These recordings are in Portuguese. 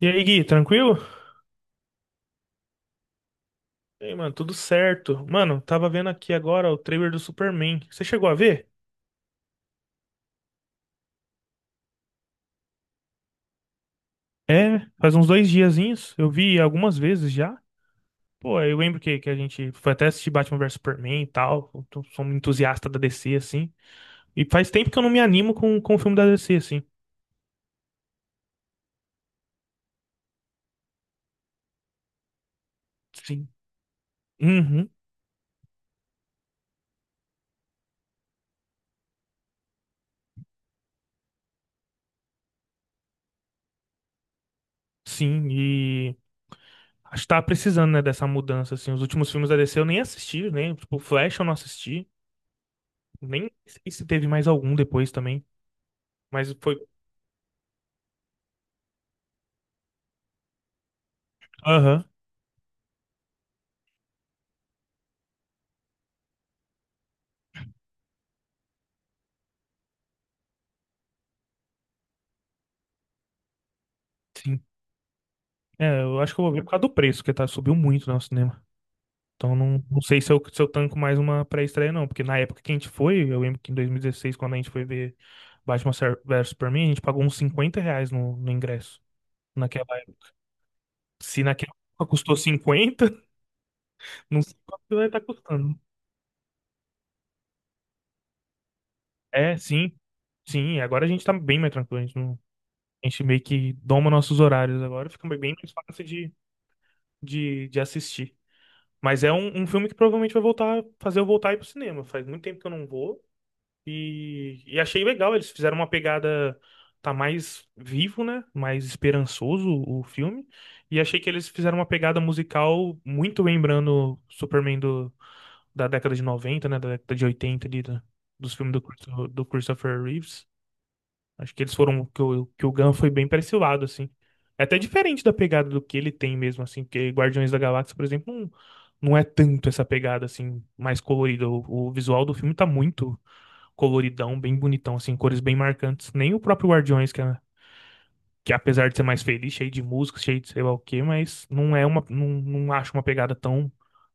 E aí, Gui, tranquilo? E aí, mano, tudo certo. Mano, tava vendo aqui agora o trailer do Superman. Você chegou a ver? É, faz uns dois diazinhos. Eu vi algumas vezes já. Pô, eu lembro que a gente foi até assistir Batman vs Superman e tal. Eu tô- sou um entusiasta da DC, assim. E faz tempo que eu não me animo com o filme da DC, assim. Sim. Uhum, sim. E acho que tava precisando, né, dessa mudança, assim. Os últimos filmes da DC eu nem assisti, né? Tipo, Flash eu não assisti. Nem sei se teve mais algum depois também. Mas foi. Aham. Sim. É, eu acho que eu vou ver por causa do preço, que tá, subiu muito, né, o cinema. Então não, não sei se eu tanco mais uma pré-estreia, não. Porque na época que a gente foi, eu lembro que em 2016, quando a gente foi ver Batman vs Superman, a gente pagou uns 50 reais no ingresso. Naquela época. Se naquela época custou 50, não sei quanto vai estar custando. É, sim. Sim, agora a gente tá bem mais tranquilo. A gente, não- a gente meio que doma nossos horários agora, fica bem mais fácil de assistir. Mas é um, um filme que provavelmente vai voltar, fazer eu voltar a ir pro cinema. Faz muito tempo que eu não vou. E achei legal, eles fizeram uma pegada. Tá mais vivo, né? Mais esperançoso o filme. E achei que eles fizeram uma pegada musical muito lembrando Superman do, da década de noventa, né? Da década de 80 ali, da- dos filmes do, Christo- do Christopher Reeves. Acho que eles foram. Que o Gunn foi bem pra esse lado, assim. É até diferente da pegada do que ele tem mesmo, assim. Porque Guardiões da Galáxia, por exemplo, não, não é tanto essa pegada, assim, mais colorida. O visual do filme tá muito coloridão, bem bonitão, assim, cores bem marcantes. Nem o próprio Guardiões, que, é- que apesar de ser mais feliz, cheio de música, cheio de sei lá o quê, mas não é uma, não, não acho uma pegada tão,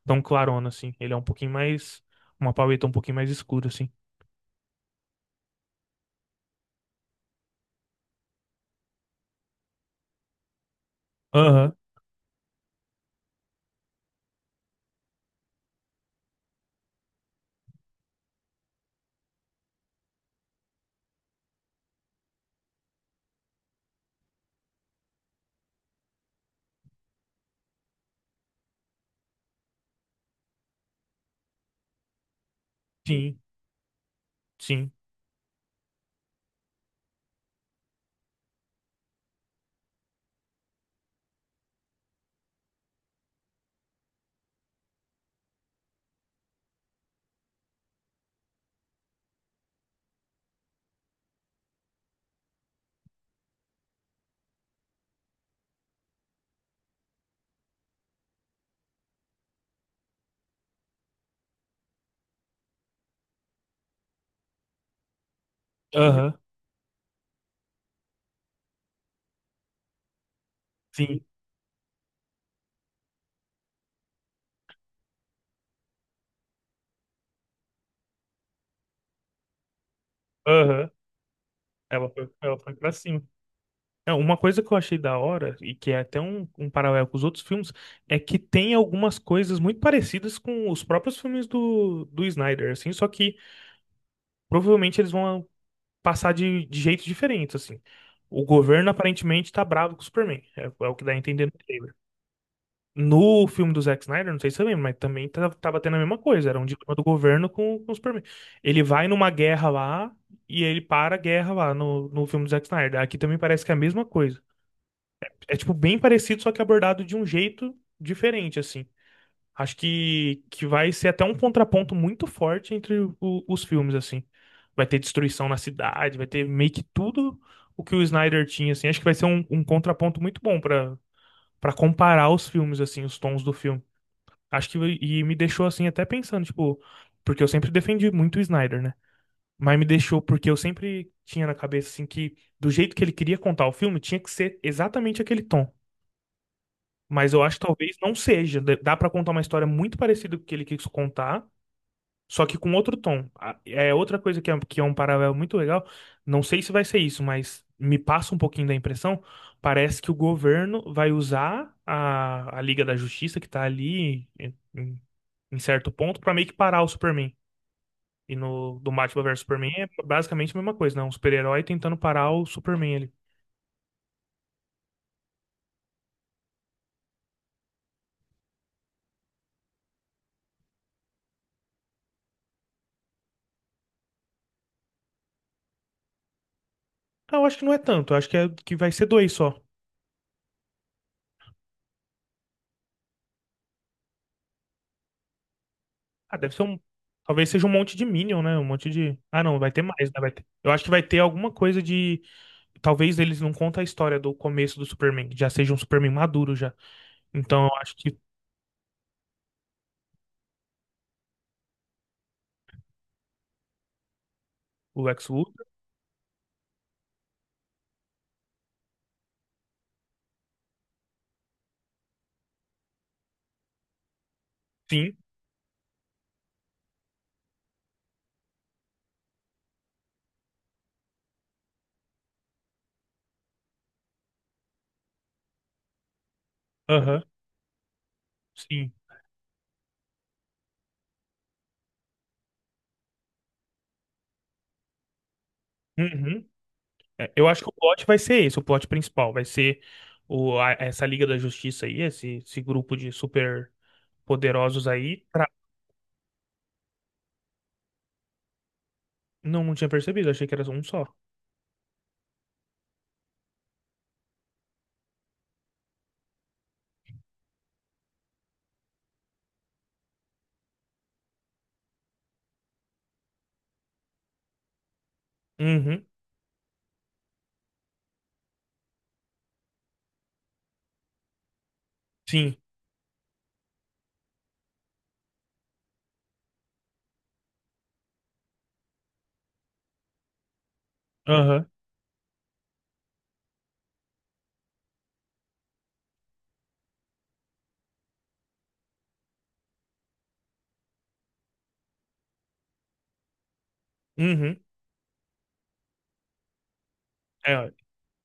tão clarona, assim. Ele é um pouquinho mais, uma paleta um pouquinho mais escura, assim. Aham, sim, sim, aham, sim, aham. Ela foi pra cima. É, uma coisa que eu achei da hora, e que é até um, um paralelo com os outros filmes, é que tem algumas coisas muito parecidas com os próprios filmes do Snyder, assim, só que provavelmente eles vão passar de jeitos diferentes, assim. O governo aparentemente tá bravo com o Superman. É, é o que dá a entender no trailer. No filme do Zack Snyder, não sei se você lembra, mas também tá- tava tendo a mesma coisa. Era um dilema do governo com o Superman. Ele vai numa guerra lá e ele para a guerra lá no filme do Zack Snyder. Aqui também parece que é a mesma coisa. É, tipo, bem parecido, só que abordado de um jeito diferente, assim. Acho que vai ser até um contraponto muito forte entre o- os filmes, assim. Vai ter destruição na cidade, vai ter meio que tudo o que o Snyder tinha, assim. Acho que vai ser um, um contraponto muito bom pra para comparar os filmes, assim, os tons do filme. Acho que, e me deixou, assim, até pensando, tipo, porque eu sempre defendi muito o Snyder, né? Mas me deixou, porque eu sempre tinha na cabeça, assim, que do jeito que ele queria contar o filme, tinha que ser exatamente aquele tom. Mas eu acho que talvez não seja. Dá pra contar uma história muito parecida com o que ele quis contar, só que com outro tom. A- É outra coisa que é um paralelo muito legal. Não sei se vai ser isso, mas me passa um pouquinho da impressão. Parece que o governo vai usar a Liga da Justiça que tá ali em, em- em certo ponto pra meio que parar o Superman. E no do Batman versus Superman é basicamente a mesma coisa, né? Um super-herói tentando parar o Superman ali. Ah, eu acho que não é tanto. Eu acho que, é, que vai ser dois só. Ah, deve ser um. Talvez seja um monte de Minion, né? Um monte de. Ah, não, vai ter mais, né? Vai ter... Eu acho que vai ter alguma coisa de. Talvez eles não contem a história do começo do Superman, já seja um Superman maduro já. Então eu acho que o Lex Luthor, sim, aham, sim. Uhum. É, eu acho que o plot vai ser esse, o plot principal, vai ser o, a- essa Liga da Justiça aí, esse grupo de super poderosos aí. Tra- Não, não tinha percebido, achei que era um só. Uhum, sim, aham, uhum. É,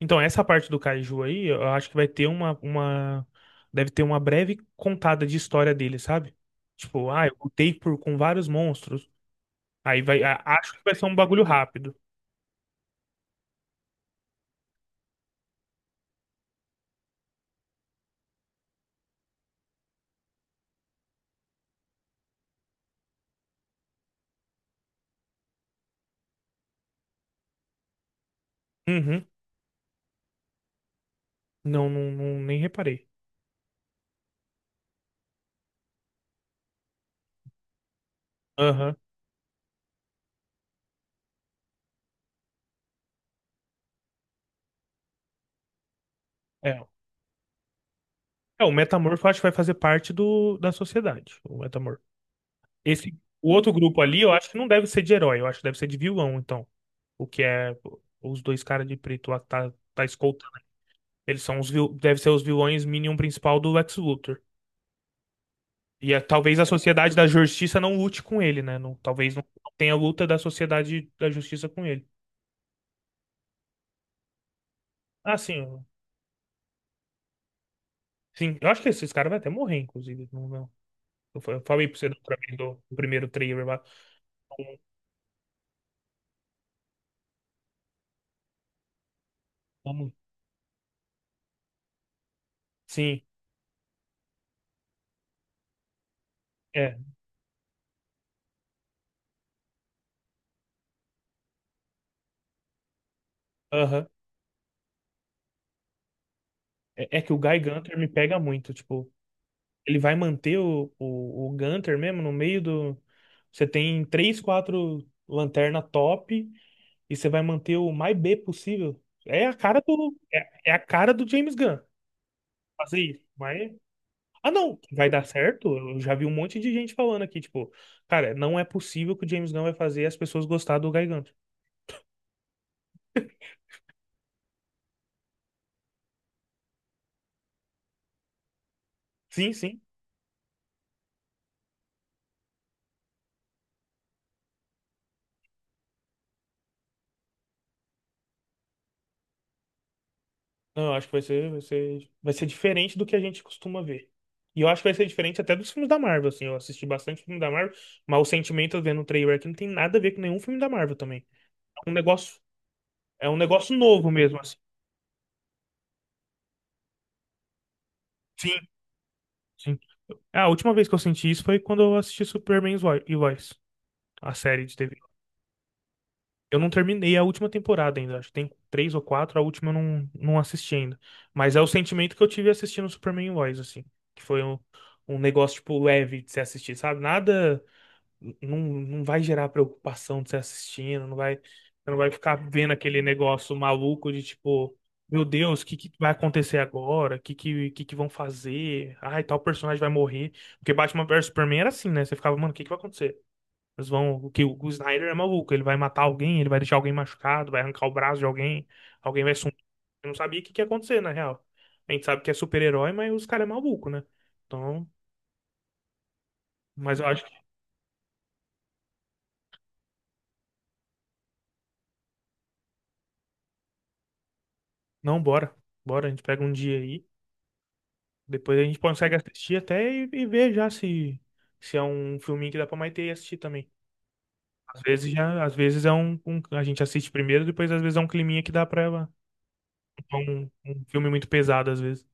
então, essa parte do Kaiju aí, eu acho que vai ter uma... Deve ter uma breve contada de história dele, sabe? Tipo, ah, eu lutei por, com vários monstros. Aí vai... a- Acho que vai ser um bagulho rápido. Uhum. Não, não, não- nem reparei. Aham. É. É, o Metamorfo eu acho que vai fazer parte do, da sociedade, o Metamorfo. Esse, o outro grupo ali, eu acho que não deve ser de herói, eu acho que deve ser de vilão, então. O que é os dois caras de preto lá que tá, tá escoltando. Eles são os, vil- deve ser os vilões Minion principal do Lex Luthor. E a- talvez a sociedade da justiça não lute com ele, né? Não- talvez não tenha luta da sociedade da justiça com ele. Ah, sim. Sim, eu acho que esses caras vão até morrer, inclusive. Não, não. Eu fa- eu falei pra você do, do primeiro trailer lá. Não- não- Sim, é. Aham. É, é que o Guy Gunter me pega muito. Tipo, ele vai manter o Gunter mesmo no meio do. Você tem três, quatro lanterna top e você vai manter o mais B possível. É a cara do. É, é a cara do James Gunn. Fazer isso. Mas. Ah, não, que vai dar certo. Eu já vi um monte de gente falando aqui, tipo, cara, não é possível que o James Gunn vai fazer as pessoas gostar do Gigante. Sim, sim. Não, eu acho que vai ser diferente do que a gente costuma ver. E eu acho que vai ser diferente até dos filmes da Marvel, assim. Eu assisti bastante filme da Marvel, mas o sentimento vendo o trailer aqui não tem nada a ver com nenhum filme da Marvel também. É um negócio, é um negócio novo mesmo, assim. Sim, sim. A última vez que eu senti isso foi quando eu assisti Superman e Vo- e Lois, a série de TV. Eu não terminei a última temporada ainda, acho que tem três ou quatro, a última eu não, não assisti ainda. Mas é o sentimento que eu tive assistindo Superman Lois, assim. Que foi um, um negócio, tipo, leve de se assistir, sabe? Nada. Não, não vai gerar preocupação de se assistindo, não vai, você não vai ficar vendo aquele negócio maluco de tipo, meu Deus, o que, que vai acontecer agora? O que vão fazer? Ai, tal personagem vai morrer. Porque Batman versus Superman era assim, né? Você ficava, mano, o que, que vai acontecer? Eles vão, o que o Snyder é maluco, ele vai matar alguém, ele vai deixar alguém machucado, vai arrancar o braço de alguém, alguém vai sumir. Eu não sabia o que que ia acontecer, na real. A gente sabe que é super-herói, mas os caras é maluco, né? Então, mas eu acho que não, bora. Bora, a gente pega um dia aí, depois a gente consegue assistir até e ver já se se é um filminho que dá pra Maitê assistir também. Às vezes já, às vezes é um, um- a gente assiste primeiro, depois às vezes é um climinha que dá pra ela. É um, um filme muito pesado às vezes.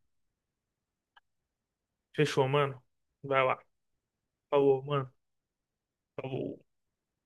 Fechou, mano. Vai lá. Falou, mano. Falou.